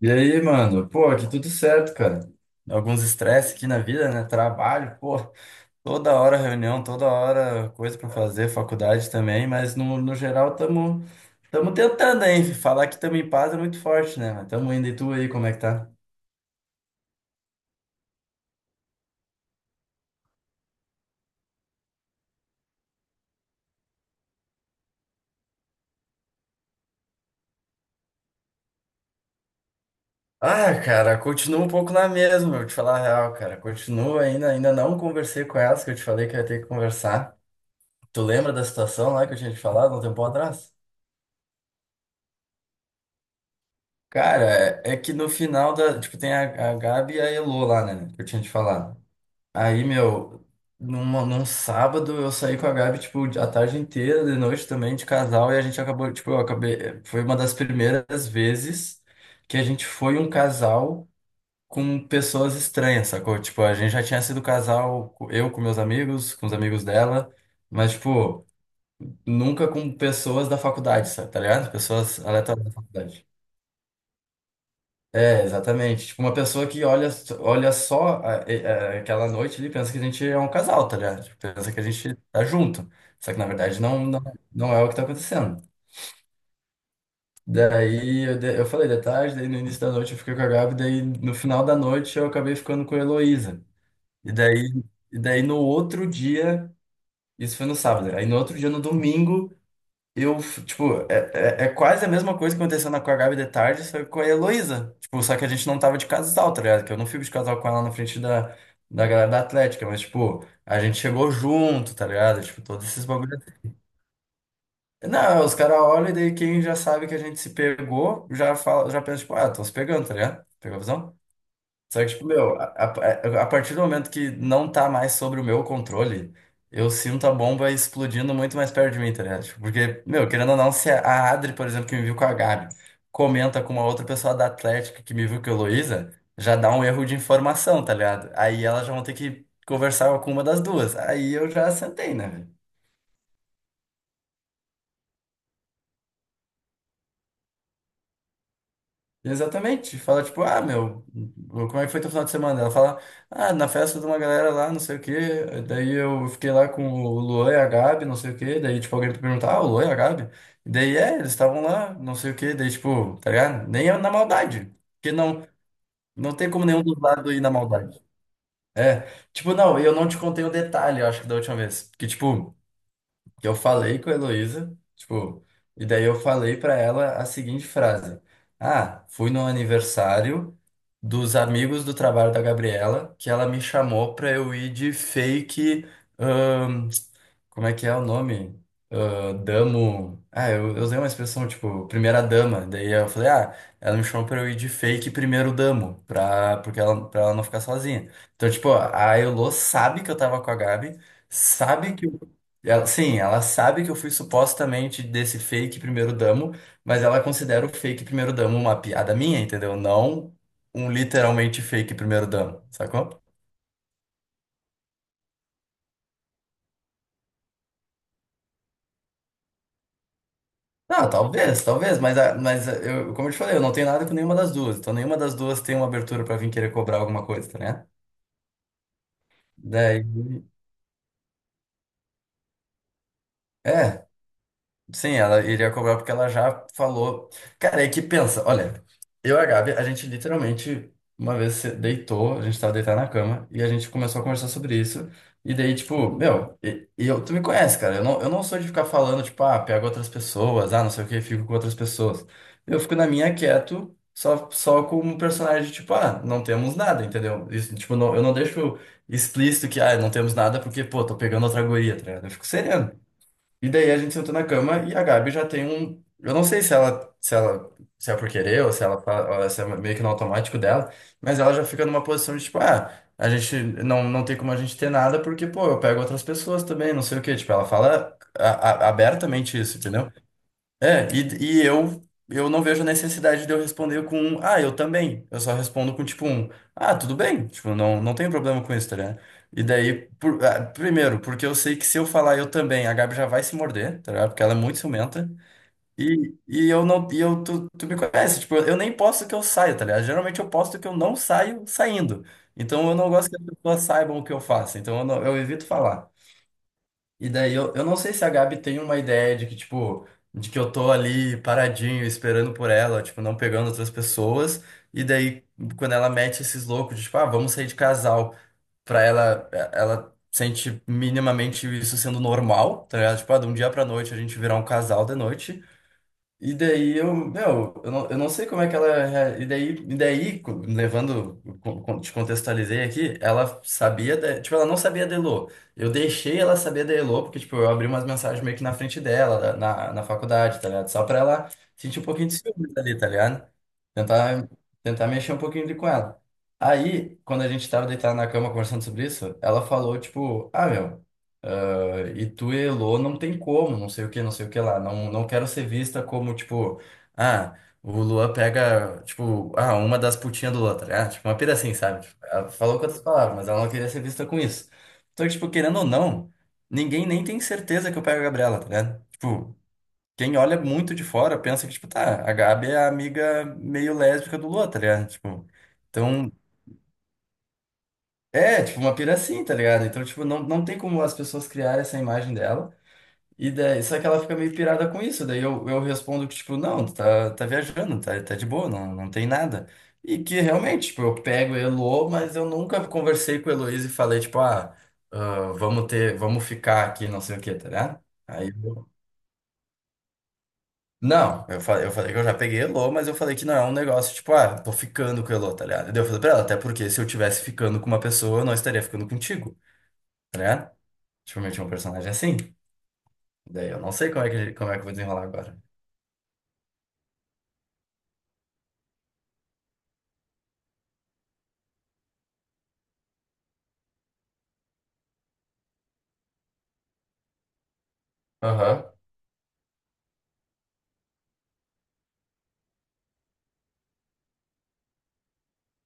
E aí, mano? Pô, aqui tudo certo, cara. Alguns estresse aqui na vida, né? Trabalho, pô, toda hora reunião, toda hora coisa pra fazer, faculdade também, mas no geral tamo, tamo tentando, hein? Falar que tamo em paz é muito forte, né? Mas tamo indo. E tu aí, como é que tá? Ah, cara, continua um pouco na mesma, eu te falar a real, cara. Continua ainda não conversei com elas, que eu te falei que eu ia ter que conversar. Tu lembra da situação lá que eu tinha te falado um tempo atrás? Cara, é que no final da. Tipo, tem a Gabi e a Elô lá, né? Que eu tinha te falado. Aí, meu, num sábado eu saí com a Gabi, tipo, a tarde inteira, de noite também, de casal, e a gente acabou, tipo, eu acabei. Foi uma das primeiras vezes que a gente foi um casal com pessoas estranhas, sacou? Tipo, a gente já tinha sido casal, eu com meus amigos, com os amigos dela, mas, tipo, nunca com pessoas da faculdade, sabe? Tá ligado? Pessoas aleatórias da faculdade. É, exatamente. Tipo, uma pessoa que olha, olha só aquela noite ali pensa que a gente é um casal, tá ligado? Tipo, pensa que a gente tá junto. Só que na verdade não é o que tá acontecendo. Daí eu, eu falei de tarde, daí no início da noite eu fiquei com a Gabi, daí no final da noite eu acabei ficando com a Heloísa. E daí, e daí no outro dia, isso foi no sábado, aí no outro dia, no domingo. Eu, tipo, é quase a mesma coisa que aconteceu na, com a Gabi de tarde, só que com a Heloísa. Tipo, só que a gente não tava de casal, tá ligado? Que eu não fico de casal com ela na frente da galera da Atlética, mas, tipo, a gente chegou junto, tá ligado? Tipo, todos esses bagulhos. Não, os caras olham e daí quem já sabe que a gente se pegou, já fala, já pensa, tipo, ah, tô se pegando, tá ligado? Pegou a visão? Só que, tipo, meu, a partir do momento que não tá mais sobre o meu controle, eu sinto a bomba explodindo muito mais perto de mim, tá ligado? Tipo, porque, meu, querendo ou não, se a Adri, por exemplo, que me viu com a Gabi, comenta com uma outra pessoa da Atlética que me viu com a Heloísa, já dá um erro de informação, tá ligado? Aí elas já vão ter que conversar com uma das duas. Aí eu já sentei, né, velho? Exatamente. Fala, tipo, ah, meu, como é que foi teu final de semana? Ela fala, ah, na festa de uma galera lá, não sei o quê. Daí eu fiquei lá com o Luan e a Gabi, não sei o quê. Daí, tipo, alguém me perguntar, ah, o Luan e a Gabi? Daí, é, eles estavam lá, não sei o quê. Daí, tipo, tá ligado? Nem é na maldade. Porque não, Não tem como nenhum dos lados ir na maldade. É, tipo, não, eu não te contei o detalhe, eu acho que da última vez. Que, tipo, que eu falei com a Heloísa, tipo, e daí eu falei pra ela a seguinte frase: ah, fui no aniversário dos amigos do trabalho da Gabriela, que ela me chamou pra eu ir de fake, como é que é o nome? Ah, damo. Ah, eu usei uma expressão tipo, primeira dama. Daí eu falei, ah, ela me chamou pra eu ir de fake primeiro damo, pra, porque ela, pra ela não ficar sozinha. Então, tipo, a Elô sabe que eu tava com a Gabi, sabe que. Eu- ela, sim, ela sabe que eu fui supostamente desse fake primeiro damo, mas ela considera o fake primeiro damo uma piada minha, entendeu? Não um literalmente fake primeiro damo, sacou? Não, talvez, talvez, mas, mas eu, como eu te falei, eu não tenho nada com nenhuma das duas. Então nenhuma das duas tem uma abertura pra vir querer cobrar alguma coisa, tá, né? Daí, é, sim, ela iria cobrar porque ela já falou. Cara, é que pensa, olha, eu e a Gabi, a gente literalmente uma vez se deitou, a gente tava deitado na cama e a gente começou a conversar sobre isso. E daí, tipo, meu, e eu, tu me conhece, cara, eu não sou de ficar falando, tipo, ah, pego outras pessoas, ah, não sei o que, fico com outras pessoas. Eu fico na minha quieto, só com um personagem, tipo, ah, não temos nada, entendeu? Isso, tipo, não, eu não deixo explícito que, ah, não temos nada porque, pô, tô pegando outra guria, tá ligado? Eu fico sereno. E daí a gente sentou na cama e a Gabi já tem um. Eu não sei se ela, se é por querer ou se ela, ou se é meio que no automático dela, mas ela já fica numa posição de tipo, ah, a gente não tem como a gente ter nada porque, pô, eu pego outras pessoas também, não sei o quê. Tipo, ela fala abertamente isso, entendeu? É, e eu não vejo necessidade de eu responder com um, ah, eu também. Eu só respondo com tipo um, ah, tudo bem. Tipo, não, não tenho problema com isso, tá ligado? E daí, ah, primeiro, porque eu sei que se eu falar eu também, a Gabi já vai se morder, tá ligado? Porque ela é muito ciumenta. E eu não, e eu, tu me conhece, tipo, eu nem posto que eu saio, tá ligado? Geralmente eu posto que eu não saio saindo. Então eu não gosto que as pessoas saibam o que eu faço. Então eu, não- eu evito falar. E daí eu não sei se a Gabi tem uma ideia de que, tipo, de que eu tô ali paradinho, esperando por ela, tipo, não pegando outras pessoas. E daí, quando ela mete esses loucos de, tipo, ah, vamos sair de casal, pra ela, é, ela sente minimamente isso sendo normal, tá ligado? Tipo, ah, de um dia pra noite a gente virar um casal de noite. E daí eu, meu, eu não sei como é que ela. E daí, levando, te contextualizei aqui, ela sabia, tipo, ela não sabia da Elo. Eu deixei ela saber da Elo, porque, tipo, eu abri umas mensagens meio que na frente dela, na, na faculdade, tá ligado? Só pra ela sentir um pouquinho de ciúmes ali, tá ligado? Tentar, tentar mexer um pouquinho ali com ela. Aí, quando a gente tava deitado na cama conversando sobre isso, ela falou, tipo, ah, meu. E tu, e Elô, não tem como, não sei o que lá. Não, não quero ser vista como, tipo, ah, o Luan pega, tipo, ah, uma das putinhas do Luan, tá ligado? Tipo, uma pira assim, sabe? Tipo, ela falou com outras palavras, mas ela não queria ser vista com isso. Então, tipo, querendo ou não, ninguém nem tem certeza que eu pego a Gabriela, tá ligado? Tipo, quem olha muito de fora pensa que, tipo, tá, a Gabi é a amiga meio lésbica do Luan, tá ligado? Tipo, então, é, tipo, uma pira assim, tá ligado? Então, tipo, não, não tem como as pessoas criarem essa imagem dela. E daí, só que ela fica meio pirada com isso. Daí eu respondo que, tipo, não, tá viajando, tá de boa, não tem nada. E que realmente, tipo, eu pego o Elo, mas eu nunca conversei com a Heloísa e falei, tipo, ah, vamos ter, vamos ficar aqui, não sei o quê, tá ligado? Aí eu- não, eu falei que eu já peguei Elo, mas eu falei que não é um negócio, tipo, ah, tô ficando com o Elo, tá ligado? E daí eu falei pra ela, até porque se eu tivesse ficando com uma pessoa, eu não estaria ficando contigo, tá ligado? Tipo, eu meti um personagem assim. Daí eu não sei como é que eu vou desenrolar agora. Aham.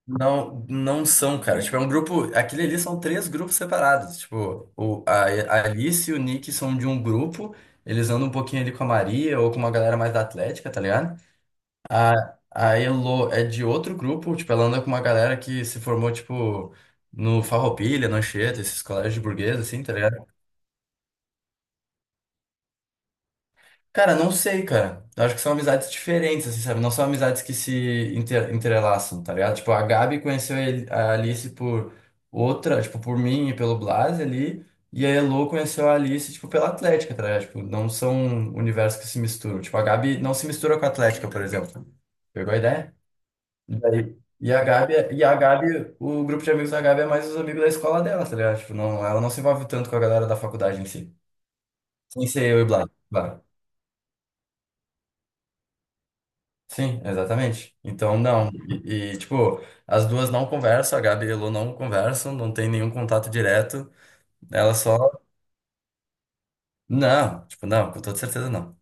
Não, não são, cara. Tipo, é um grupo. Aquele ali são três grupos separados. Tipo, a Alice e o Nick são de um grupo. Eles andam um pouquinho ali com a Maria ou com uma galera mais da Atlética, tá ligado? A, a Elo é de outro grupo. Tipo, ela anda com uma galera que se formou, tipo, no Farroupilha, no Anchieta, esses colégios de burguês, assim, tá ligado? Cara, não sei, cara. Eu acho que são amizades diferentes, assim, sabe? Não são amizades que se entrelaçam, tá ligado? Tipo, a Gabi conheceu a Alice por outra, tipo, por mim e pelo Blas ali. E a Elo conheceu a Alice, tipo, pela Atlética, tá ligado? Tipo, não são universos que se misturam. Tipo, a Gabi não se mistura com a Atlética, por exemplo. Pegou a ideia? E a Gabi, o grupo de amigos da Gabi é mais os amigos da escola dela, tá ligado? Tipo, não, ela não se envolve tanto com a galera da faculdade em si. Sem ser eu e Blas, claro. Sim, exatamente. Então, não. E tipo, as duas não conversam, a Gabi e a Lu não conversam, não tem nenhum contato direto. Ela só. Não, tipo, não, com toda certeza não.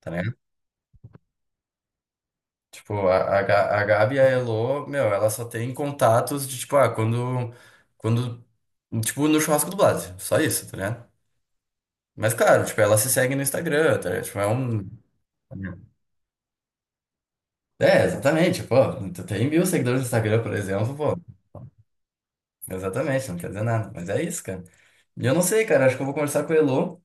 Tá ligado? Tipo, a Gabi e a Elo, meu, ela só tem contatos de, tipo, ah, quando. Quando. Tipo, no churrasco do Blase. Só isso, tá ligado? Mas, claro, tipo, ela se segue no Instagram, tá ligado? Tipo, é um. É, exatamente, pô. Tu tem 1.000 seguidores no Instagram, por exemplo, pô. Exatamente, não quer dizer nada. Mas é isso, cara. E eu não sei, cara, acho que eu vou conversar com a Elo.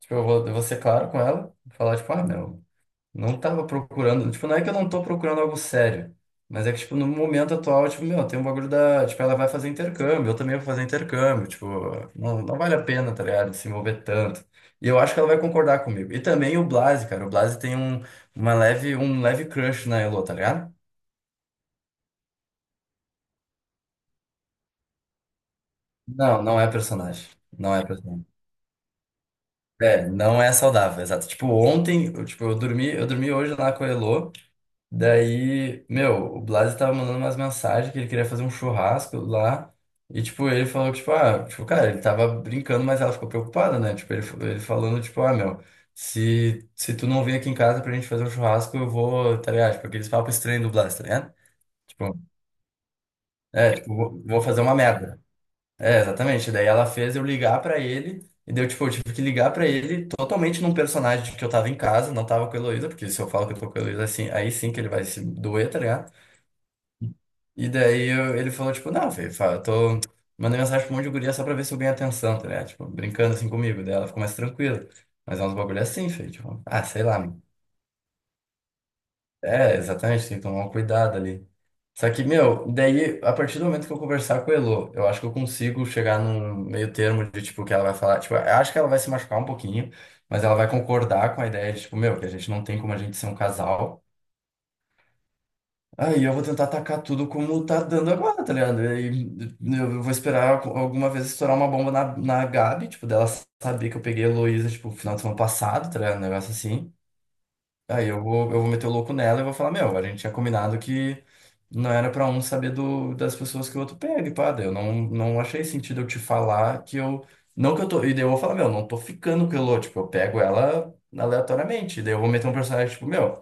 Tipo, eu vou ser claro com ela. Falar, tipo, ah, meu, não tava procurando. Tipo, não é que eu não tô procurando algo sério. Mas é que, tipo, no momento atual, tipo, meu, tem um bagulho da. Tipo, ela vai fazer intercâmbio, eu também vou fazer intercâmbio. Tipo, não vale a pena, tá ligado? Se envolver tanto. E eu acho que ela vai concordar comigo. E também o Blase, cara. O Blase tem um, uma leve, um leve crush na Elo, tá ligado? Não é personagem. Não é personagem. É, não é saudável, exato. Tipo, ontem, eu, tipo, eu dormi hoje lá com a Elo. Daí, meu, o Blasi tava mandando umas mensagens que ele queria fazer um churrasco lá. E, tipo, ele falou que, tipo, ah, tipo, cara, ele tava brincando, mas ela ficou preocupada, né? Tipo, ele falando, tipo, ah, meu, se tu não vir aqui em casa pra gente fazer um churrasco, eu vou, tá ligado? Tipo, aqueles papos estranhos do Blasi, tá ligado? Tipo, é, tipo, vou fazer uma merda. É, exatamente. Daí ela fez eu ligar pra ele. E daí, eu, tipo, eu tive que ligar pra ele totalmente num personagem de que eu tava em casa, não tava com a Heloísa, porque se eu falo que eu tô com a Heloísa, assim, aí sim que ele vai se doer, tá ligado? E daí ele falou, tipo, não, Fê, eu tô mandando mensagem pra um monte de guria só pra ver se eu ganho atenção, tá ligado? Tipo, brincando assim comigo. Daí ela ficou mais tranquila. Mas é uns bagulho assim, Fê, tipo, ah, sei lá, meu. É, exatamente, tem que tomar um cuidado ali. Só que, meu, daí, a partir do momento que eu conversar com a Elô, eu acho que eu consigo chegar num meio termo de, tipo, que ela vai falar, tipo, eu acho que ela vai se machucar um pouquinho, mas ela vai concordar com a ideia de, tipo, meu, que a gente não tem como a gente ser um casal. Aí eu vou tentar atacar tudo como tá dando agora, tá ligado? E aí eu vou esperar alguma vez estourar uma bomba na, na Gabi, tipo, dela saber que eu peguei a Heloísa, tipo, no final de semana passado, tá ligado? Um negócio assim. Aí eu vou meter o louco nela e vou falar, meu, a gente tinha combinado que não era pra um saber do, das pessoas que o outro pega, e pá, daí eu não achei sentido eu te falar que eu. Não que eu tô. E daí eu vou falar, meu, não tô ficando com a Elo, tipo, eu pego ela aleatoriamente. E daí eu vou meter um personagem, tipo, meu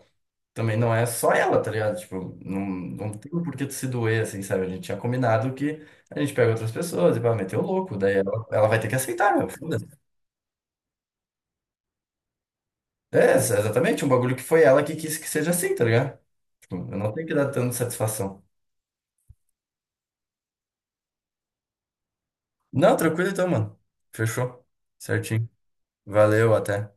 também não é só ela, tá ligado? Tipo, não, não tem por que tu se doer, assim, sabe? A gente tinha combinado que a gente pega outras pessoas e vai meter o louco, daí ela vai ter que aceitar, meu, foda-se. É, exatamente, um bagulho que foi ela que quis que seja assim, tá ligado? Tipo, eu não tenho que dar tanta satisfação. Não, tranquilo então, mano. Fechou. Certinho. Valeu, até.